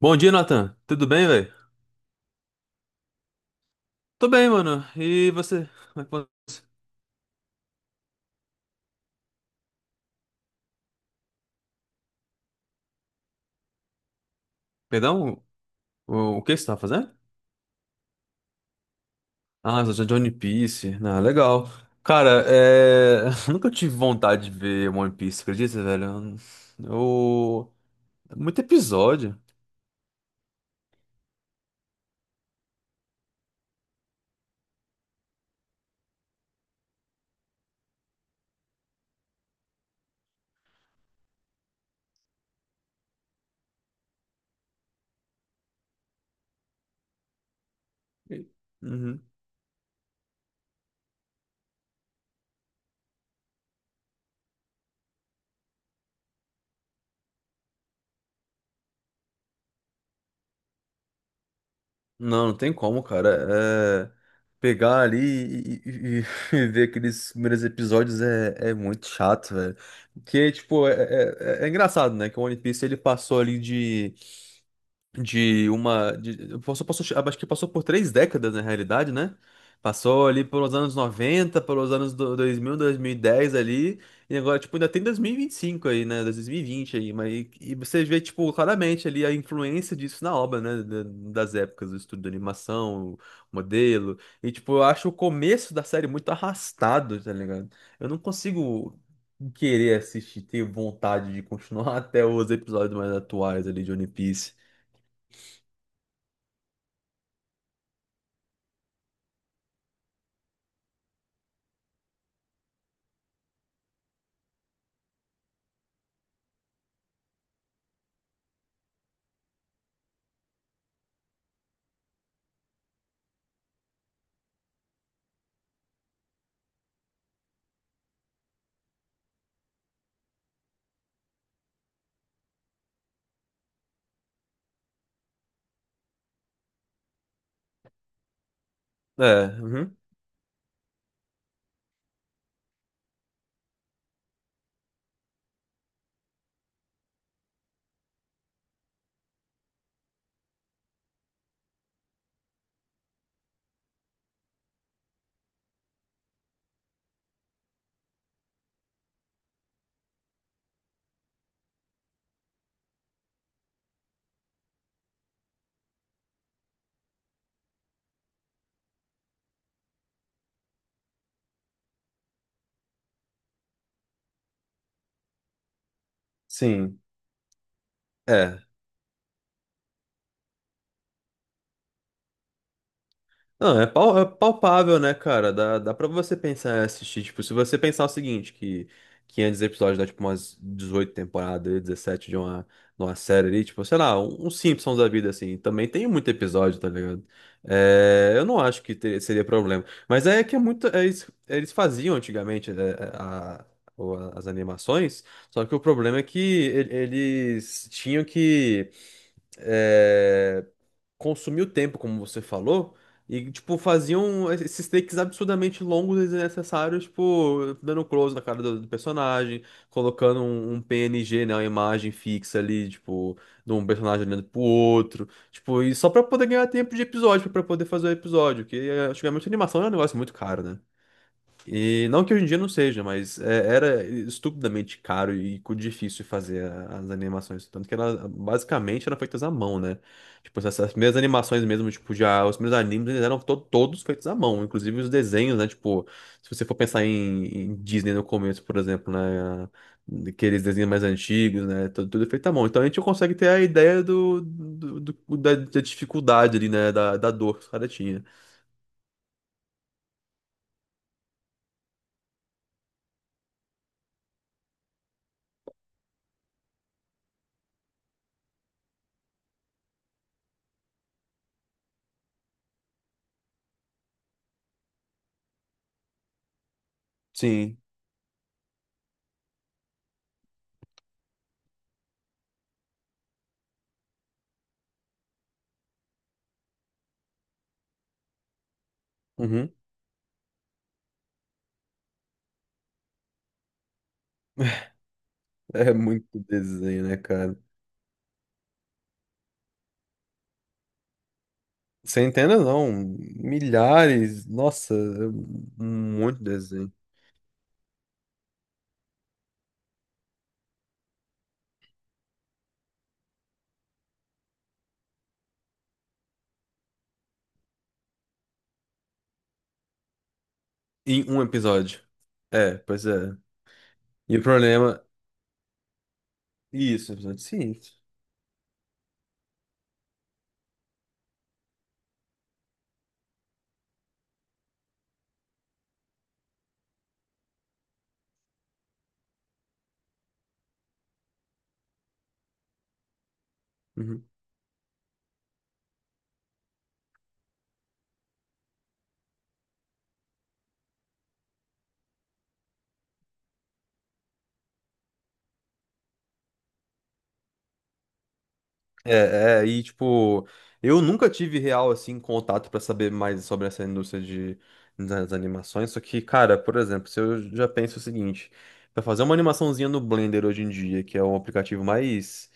Bom dia, Nathan. Tudo bem, velho? Tô bem, mano. E você? Como é que você- Perdão? O que você tá fazendo? Ah, você de One Piece. Ah, legal. Cara, nunca tive vontade de ver One Piece, acredita, velho? Eu... É muito episódio. Uhum. Não, não tem como, cara. Pegar ali e ver aqueles primeiros episódios é muito chato, velho. Porque, tipo, é engraçado, né? Que o One Piece ele passou ali de uma. Passou, acho que passou por 3 décadas, na realidade, né? Passou ali pelos anos 90, pelos anos 2000, dez ali, e agora, tipo, ainda tem dois mil e vinte e cinco aí, né? 2020 aí, mas e você vê, tipo, claramente ali a influência disso na obra, né? Das épocas, o estudo de animação, o modelo, e, tipo, eu acho o começo da série muito arrastado, tá ligado? Eu não consigo querer assistir, ter vontade de continuar até os episódios mais atuais ali de One Piece. É, uhum, sim, é. Não, é palpável, né, cara? Dá pra você pensar e assistir. Tipo, se você pensar o seguinte, que 500 episódios dá, tipo, umas 18 temporadas, 17 de uma série ali, tipo, sei lá, um Simpsons da vida, assim. Também tem muito episódio, tá ligado? É, eu não acho que seria problema. Mas é que é muito. Eles faziam antigamente, né, as animações, só que o problema é que eles tinham que... é, consumiu tempo, como você falou, e, tipo, faziam esses takes absurdamente longos e desnecessários, tipo, dando close na cara do personagem, colocando um PNG, né, uma imagem fixa ali, tipo, de um personagem olhando pro outro, tipo, e só pra poder ganhar tempo de episódio, pra poder fazer o episódio, que antigamente a animação era um negócio muito caro, né? E não que hoje em dia não seja, mas era estupidamente caro e difícil fazer as animações. Tanto que ela basicamente eram feitas à mão, né? Tipo, essas primeiras animações mesmo, tipo, já os primeiros animes, eles eram todos feitos à mão, inclusive os desenhos, né? Tipo, se você for pensar em Disney no começo, por exemplo, né? Aqueles desenhos mais antigos, né? Tudo, tudo feito à mão. Então a gente consegue ter a ideia da dificuldade ali, né? Da dor que os caras tinham. Sim. Uhum. É muito desenho, né, cara? Centenas não, milhares, nossa, um monte de desenho. Em um episódio. É, pois é. E o problema. Isso, episódio de ciência. Uhum. E tipo, eu nunca tive real assim contato pra saber mais sobre essa indústria de das animações, só que, cara, por exemplo, se eu já penso o seguinte, pra fazer uma animaçãozinha no Blender hoje em dia, que é o aplicativo mais.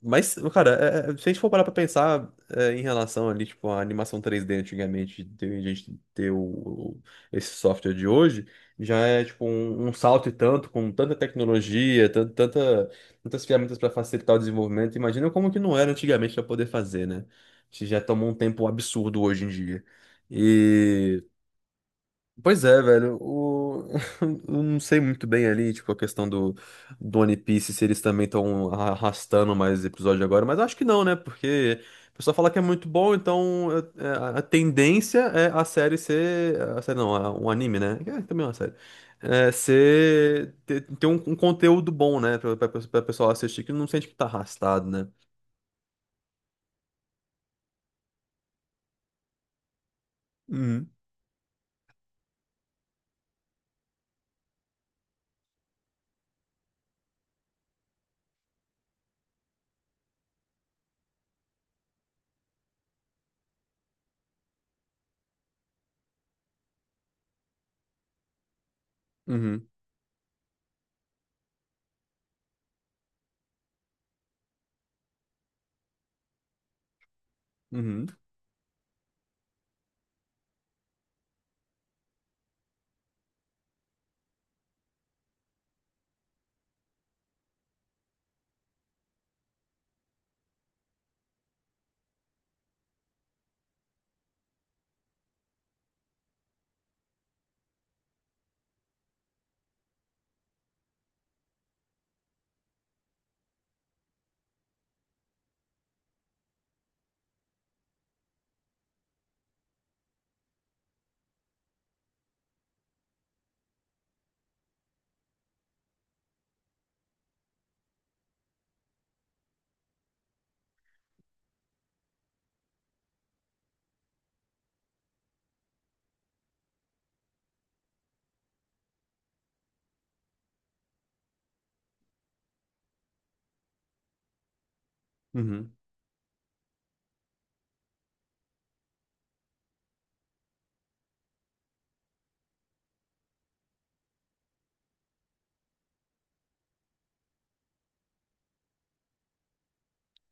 Mas, cara, se a gente for parar pra pensar em relação ali, tipo, a animação 3D antigamente, a gente ter esse software de hoje, já é, tipo, um salto e tanto, com tanta tecnologia, tantas ferramentas para facilitar o desenvolvimento. Imagina como que não era antigamente para poder fazer, né? A gente já tomou um tempo absurdo hoje em dia. Pois é, velho. O... Eu não sei muito bem ali, tipo, a questão do One Piece, se eles também estão arrastando mais episódio agora, mas acho que não, né? Porque o pessoal fala que é muito bom, então é, é, a tendência é a série ser. A série não, um anime, né? É, também é uma série. É, ser. Ter um conteúdo bom, né? Pra pessoal assistir, que não sente que tá arrastado, né? Uhum, uhum, uhum, uhum.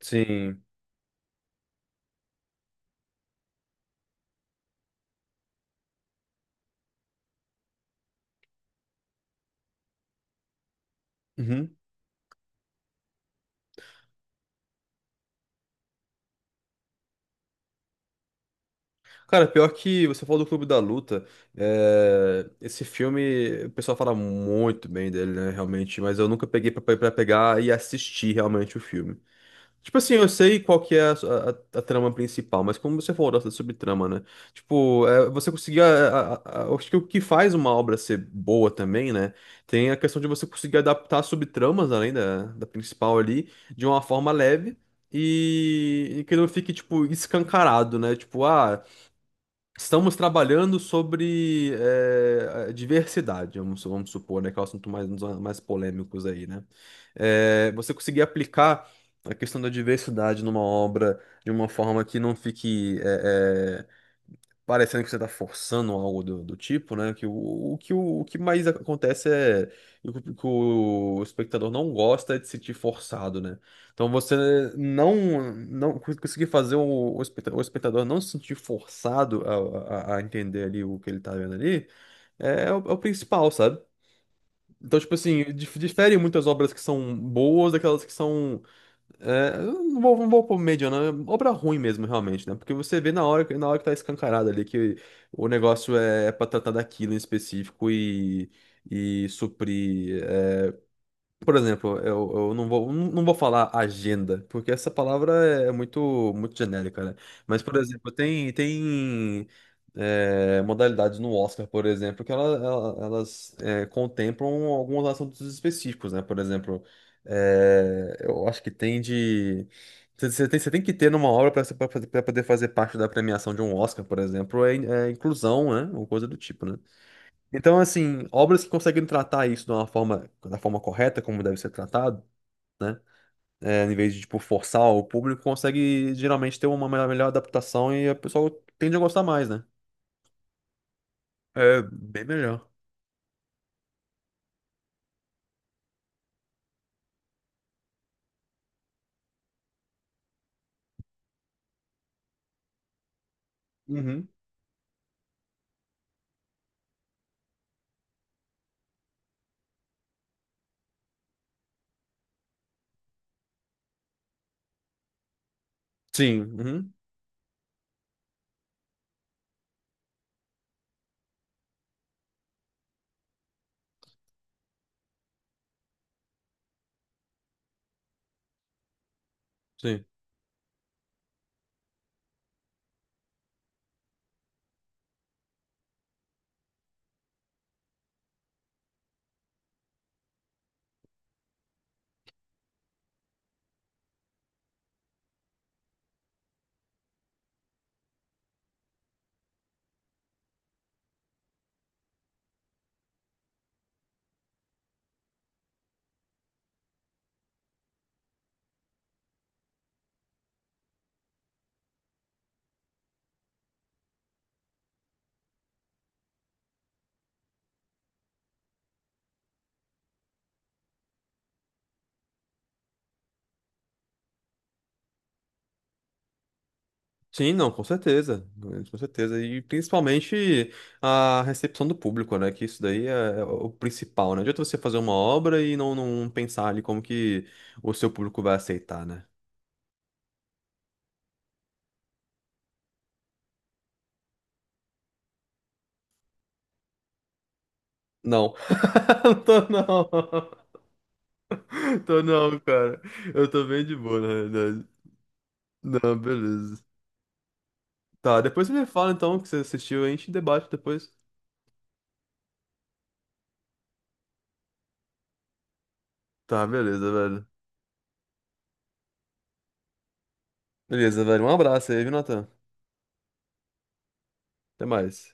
Sim. Uhum. Cara, pior que você falou do Clube da Luta, esse filme, o pessoal fala muito bem dele, né, realmente, mas eu nunca peguei pra pegar e assistir realmente o filme. Tipo assim, eu sei qual que é a trama principal, mas como você falou da subtrama, né? Tipo, você conseguir. Acho que o que faz uma obra ser boa também, né? Tem a questão de você conseguir adaptar subtramas, além da principal ali, de uma forma leve e que não fique, tipo, escancarado, né? Tipo, ah. Estamos trabalhando sobre a diversidade, vamos supor, né? Que é o assunto mais, um dos mais polêmicos aí, né? Você conseguir aplicar a questão da diversidade numa obra de uma forma que não fique parecendo que você tá forçando algo do tipo, né? Que o que o que mais acontece e o que o espectador não gosta é de se sentir forçado, né? Então você não não conseguir fazer o espectador não se sentir forçado a entender ali o que ele tá vendo ali é o principal, sabe? Então, tipo assim, difere muitas obras que são boas daquelas que são. Eu não vou pôr média, não. É obra ruim mesmo, realmente, né? Porque você vê na hora, na hora que tá escancarado ali que o negócio é pra tratar daquilo em específico e suprir. Por exemplo, eu não vou, não vou falar agenda, porque essa palavra é muito, muito genérica, né? Mas, por exemplo, tem modalidades no Oscar, por exemplo, que elas contemplam alguns assuntos específicos, né? Por exemplo, eu acho que tem de. Você tem que ter numa obra para poder fazer parte da premiação de um Oscar, por exemplo, é inclusão, né? Ou coisa do tipo, né? Então, assim, obras que conseguem tratar isso de uma forma, da forma correta, como deve ser tratado, em vez de, tipo, forçar o público, consegue geralmente ter uma melhor adaptação e a pessoa tende a gostar mais, né? É bem melhor. Uhum. Sim, uhum, sim. Sim, não, com certeza. Com certeza. E principalmente a recepção do público, né? Que isso daí é o principal, né? Não adianta você fazer uma obra e não pensar ali como que o seu público vai aceitar, né? Não, não tô, não. Tô não, cara. Eu tô bem de boa, na realidade. Não, beleza. Tá, depois você me fala então o que você assistiu, a gente debate depois. Tá, beleza, velho. Beleza, velho. Um abraço aí, viu, Natan? Até mais.